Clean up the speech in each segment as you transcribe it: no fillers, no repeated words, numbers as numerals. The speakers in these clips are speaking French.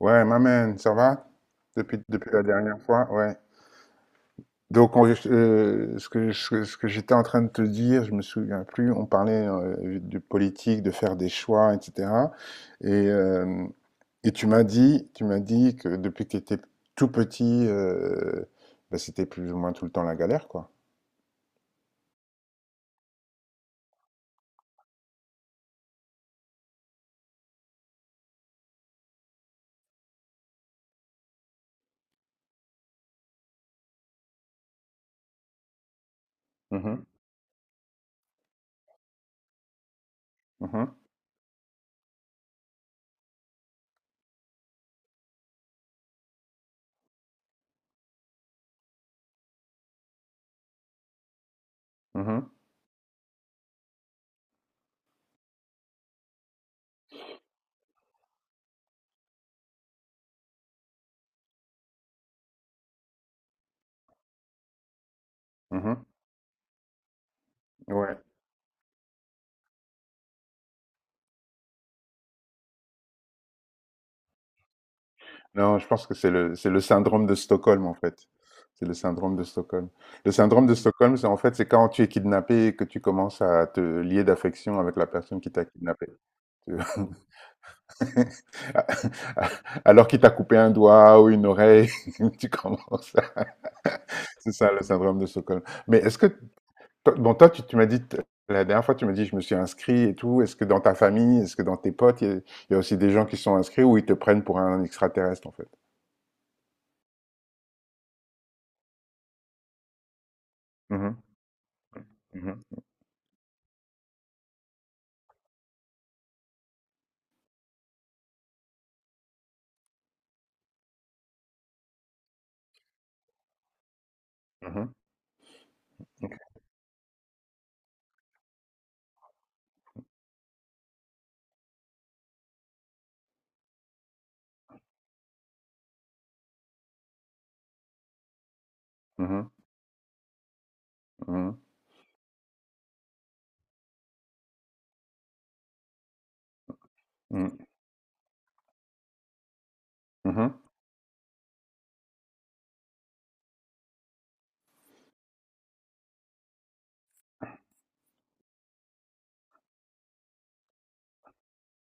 Ouais, ma man, ça va? Depuis la dernière fois, ouais. Donc, ce que j'étais en train de te dire, je me souviens plus, on parlait de politique, de faire des choix, etc. Et, euh, et tu m'as dit que depuis que tu étais tout petit, bah, c'était plus ou moins tout le temps la galère, quoi. Mhm, mhm, mhm, mhm. Ouais. Non, je pense que c'est le syndrome de Stockholm, en fait. C'est le syndrome de Stockholm. Le syndrome de Stockholm, c'est en fait, c'est quand tu es kidnappé et que tu commences à te lier d'affection avec la personne qui t'a kidnappé. Tu vois. Alors qu'il t'a coupé un doigt ou une oreille, tu commences à C'est ça, le syndrome de Stockholm. Mais est-ce que... Bon, toi, tu m'as dit, la dernière fois, tu m'as dit, je me suis inscrit et tout. Est-ce que dans ta famille, est-ce que dans tes potes, il y a aussi des gens qui sont inscrits ou ils te prennent pour un extraterrestre, en fait? Mhm, mhm, mhm. Mhm, mhm, mhm, mhm. Mmh.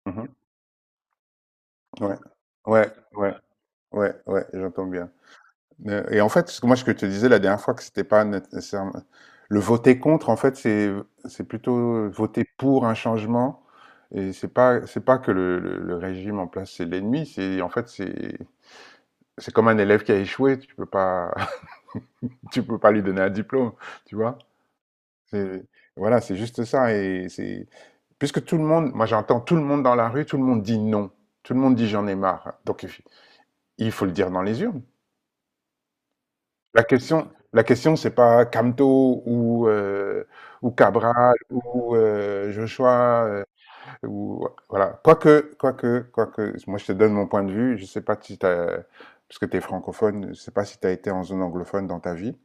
Mmh. Ouais. Ouais, ouais, ouais, ouais, j'entends bien. Et en fait, ce que moi, ce que je te disais la dernière fois que c'était pas né nécessairement le voter contre, en fait, c'est plutôt voter pour un changement et c'est pas que le régime en place, c'est l'ennemi, c'est en fait, c'est comme un élève qui a échoué, tu peux pas tu peux pas lui donner un diplôme, tu vois? C'est voilà, c'est juste ça. Et c'est Puisque tout le monde, moi j'entends tout le monde dans la rue, tout le monde dit non. Tout le monde dit j'en ai marre. Donc il faut le dire dans les urnes. La question, c'est pas Camto, ou Cabral ou Joshua, ou, voilà. Quoique, moi je te donne mon point de vue. Je sais pas si tu parce que tu es francophone, je sais pas si tu as été en zone anglophone dans ta vie.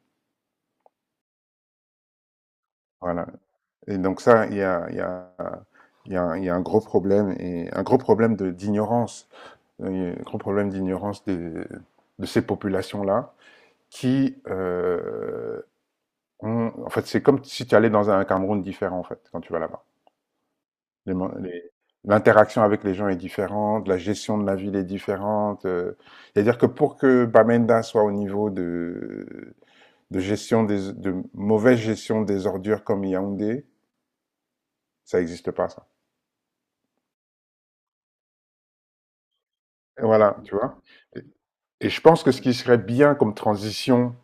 Voilà. Et donc ça, il y a un gros problème, d'ignorance, un grand problème d'ignorance de ces populations-là, qui ont, en fait, c'est comme si tu allais dans un Cameroun différent, en fait, quand tu vas là-bas. Les- les- L'interaction avec les gens est différente, la gestion de la ville est différente. C'est-à-dire que pour que Bamenda soit au niveau de mauvaise gestion des ordures comme Yaoundé, ça n'existe pas, ça. Et voilà, tu vois. Et, et je pense que ce qui serait bien comme transition,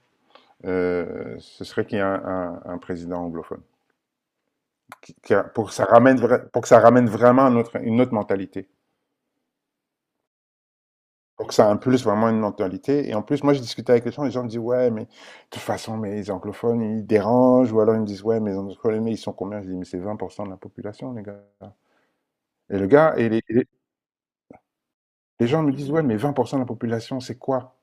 ce serait qu'il y ait un président anglophone. Pour que ça ramène vraiment une autre mentalité. Pour que ça impulse vraiment une mentalité. Et en plus, moi, je discutais avec les gens, me disent, ouais, mais de toute façon, mais les anglophones, ils dérangent. Ou alors, ils me disent, ouais, mais les anglophones, ils sont combien? Je dis, mais c'est 20% de la population, les gars. Et le gars, et les gens me disent, ouais, mais 20% de la population, c'est quoi?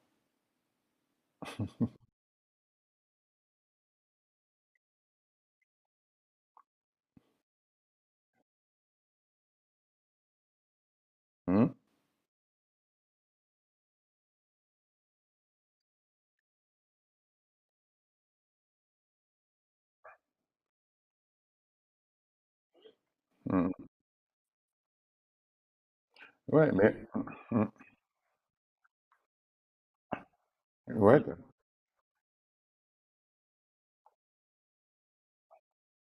Hum, hum. Ouais, mais, hum. Ouais,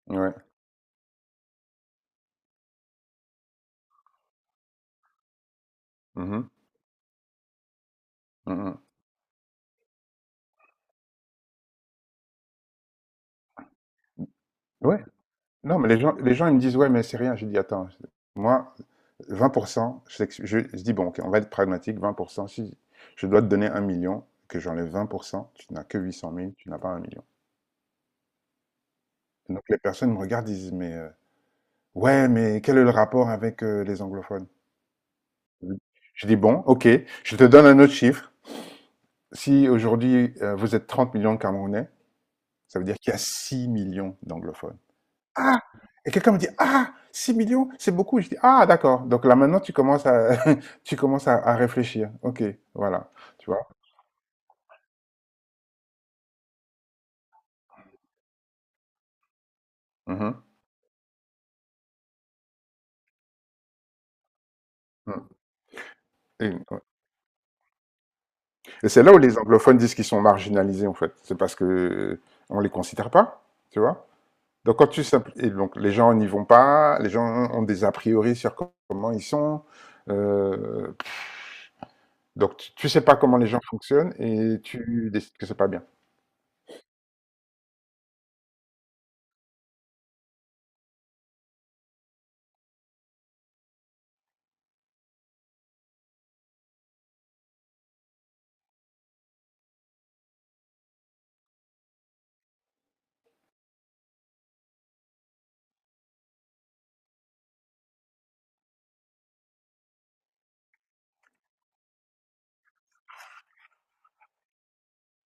ouais, mhm, mhm. Ouais. Non, mais les gens, ils me disent, ouais, mais c'est rien. Je dis, attends, moi, 20%, je dis, bon, ok, on va être pragmatique, 20%, si je dois te donner un million, que j'enlève 20%, tu n'as que 800 000, tu n'as pas un million. Donc les personnes me regardent, disent, mais ouais, mais quel est le rapport avec les anglophones? Oui. Je dis, bon, ok, je te donne un autre chiffre. Si aujourd'hui, vous êtes 30 millions de Camerounais, ça veut dire qu'il y a 6 millions d'anglophones. Ah. Et quelqu'un me dit, ah 6 millions, c'est beaucoup. Je dis, ah d'accord. Donc là maintenant, tu commences à, tu commences à réfléchir. Ok, voilà. Tu vois. Mhm. Mhm. Et, ouais. Et c'est là où les anglophones disent qu'ils sont marginalisés, en fait. C'est parce que on les considère pas, tu vois. Donc quand tu simpl- et donc les gens n'y vont pas, les gens ont des a priori sur comment ils sont. euh, donc tu sais pas comment les gens fonctionnent et tu décides que c'est pas bien.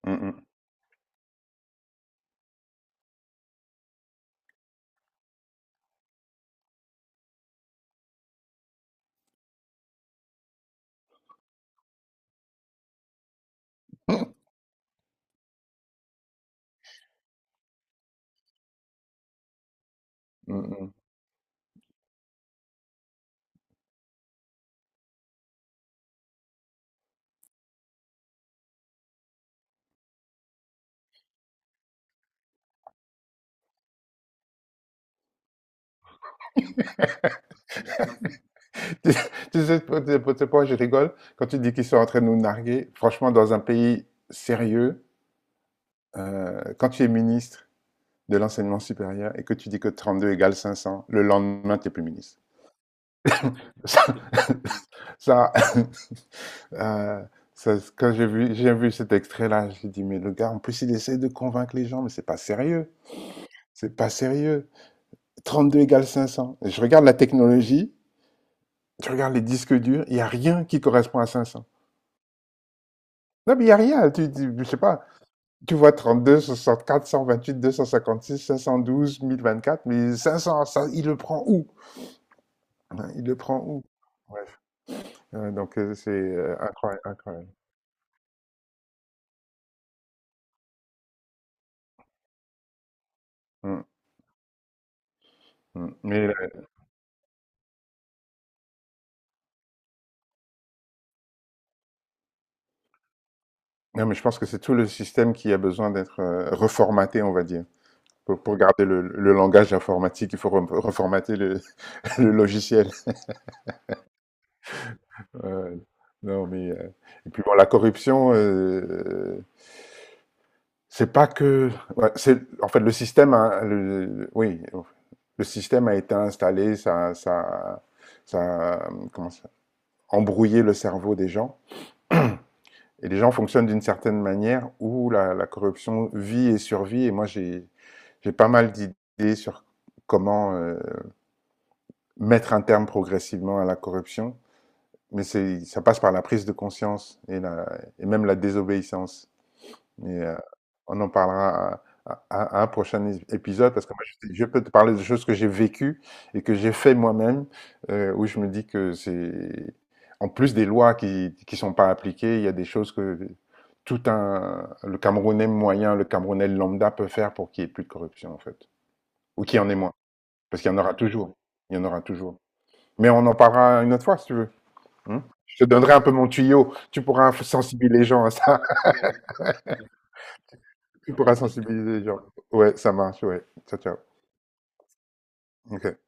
Mm, mm, mm, mm. Tu tu sais pas- je rigole quand tu dis qu'ils sont en train de nous narguer. Franchement, dans un pays sérieux, quand tu es ministre de l'enseignement supérieur et que tu dis que 32 égale 500 le lendemain, tu n'es plus ministre. Ça, ça, euh, ça, quand j'ai vu, cet extrait-là, j'ai dit, mais le gars, en plus, il essaie de convaincre les gens, mais c'est pas sérieux. C'est pas sérieux. 32 égale 500. Et je regarde la technologie, je regarde les disques durs, il n'y a rien qui correspond à 500. Non, mais il n'y a rien. Je sais pas. Tu vois, trente-deux, deux cent, cent soixante quatre, vingt-huit, deux cent cinquante-six, cinq cent douze, mille vingt-quatre, mais cinq cents, ça, il le prend où? Il le prend où? Ouais, donc c'est, incroyable, incroyable. Mmh, mmh. Mais non, mais je pense que c'est tout le système qui a besoin d'être, reformaté, on va dire. Pour garder le langage informatique, il faut re reformater le le logiciel. Ouais, ouais. Non, mais et puis bon, la corruption, c'est pas que, ouais, c'est en fait, le système a le- oui, le système a été installé, ça, mmh, comment ça? Embrouillé le cerveau des gens. Et les gens fonctionnent d'une certaine manière où la corruption vit et survit. Et moi, j'ai pas mal d'idées sur comment mettre un terme progressivement à la corruption. Mais ça passe par la prise de conscience et même la désobéissance. Mais, on en parlera à à un prochain ép épisode, parce que moi je peux te parler de choses que j'ai vécues et que j'ai fait moi-même, où je me dis que c'est en plus des lois qui sont pas appliquées, il y a des choses que tout un le Camerounais moyen, le Camerounais lambda peut faire pour qu'il y ait plus de corruption en fait, ou qu'il y en ait moins. Parce qu'il y en aura toujours, il y en aura toujours. Mais on en parlera une autre fois si tu veux, mmh? Je te donnerai un peu mon tuyau, tu pourras sensibiliser les gens à ça. Tu pourras sensibiliser les gens. Ouais, ça marche, ouais. Ciao, ciao. Ok.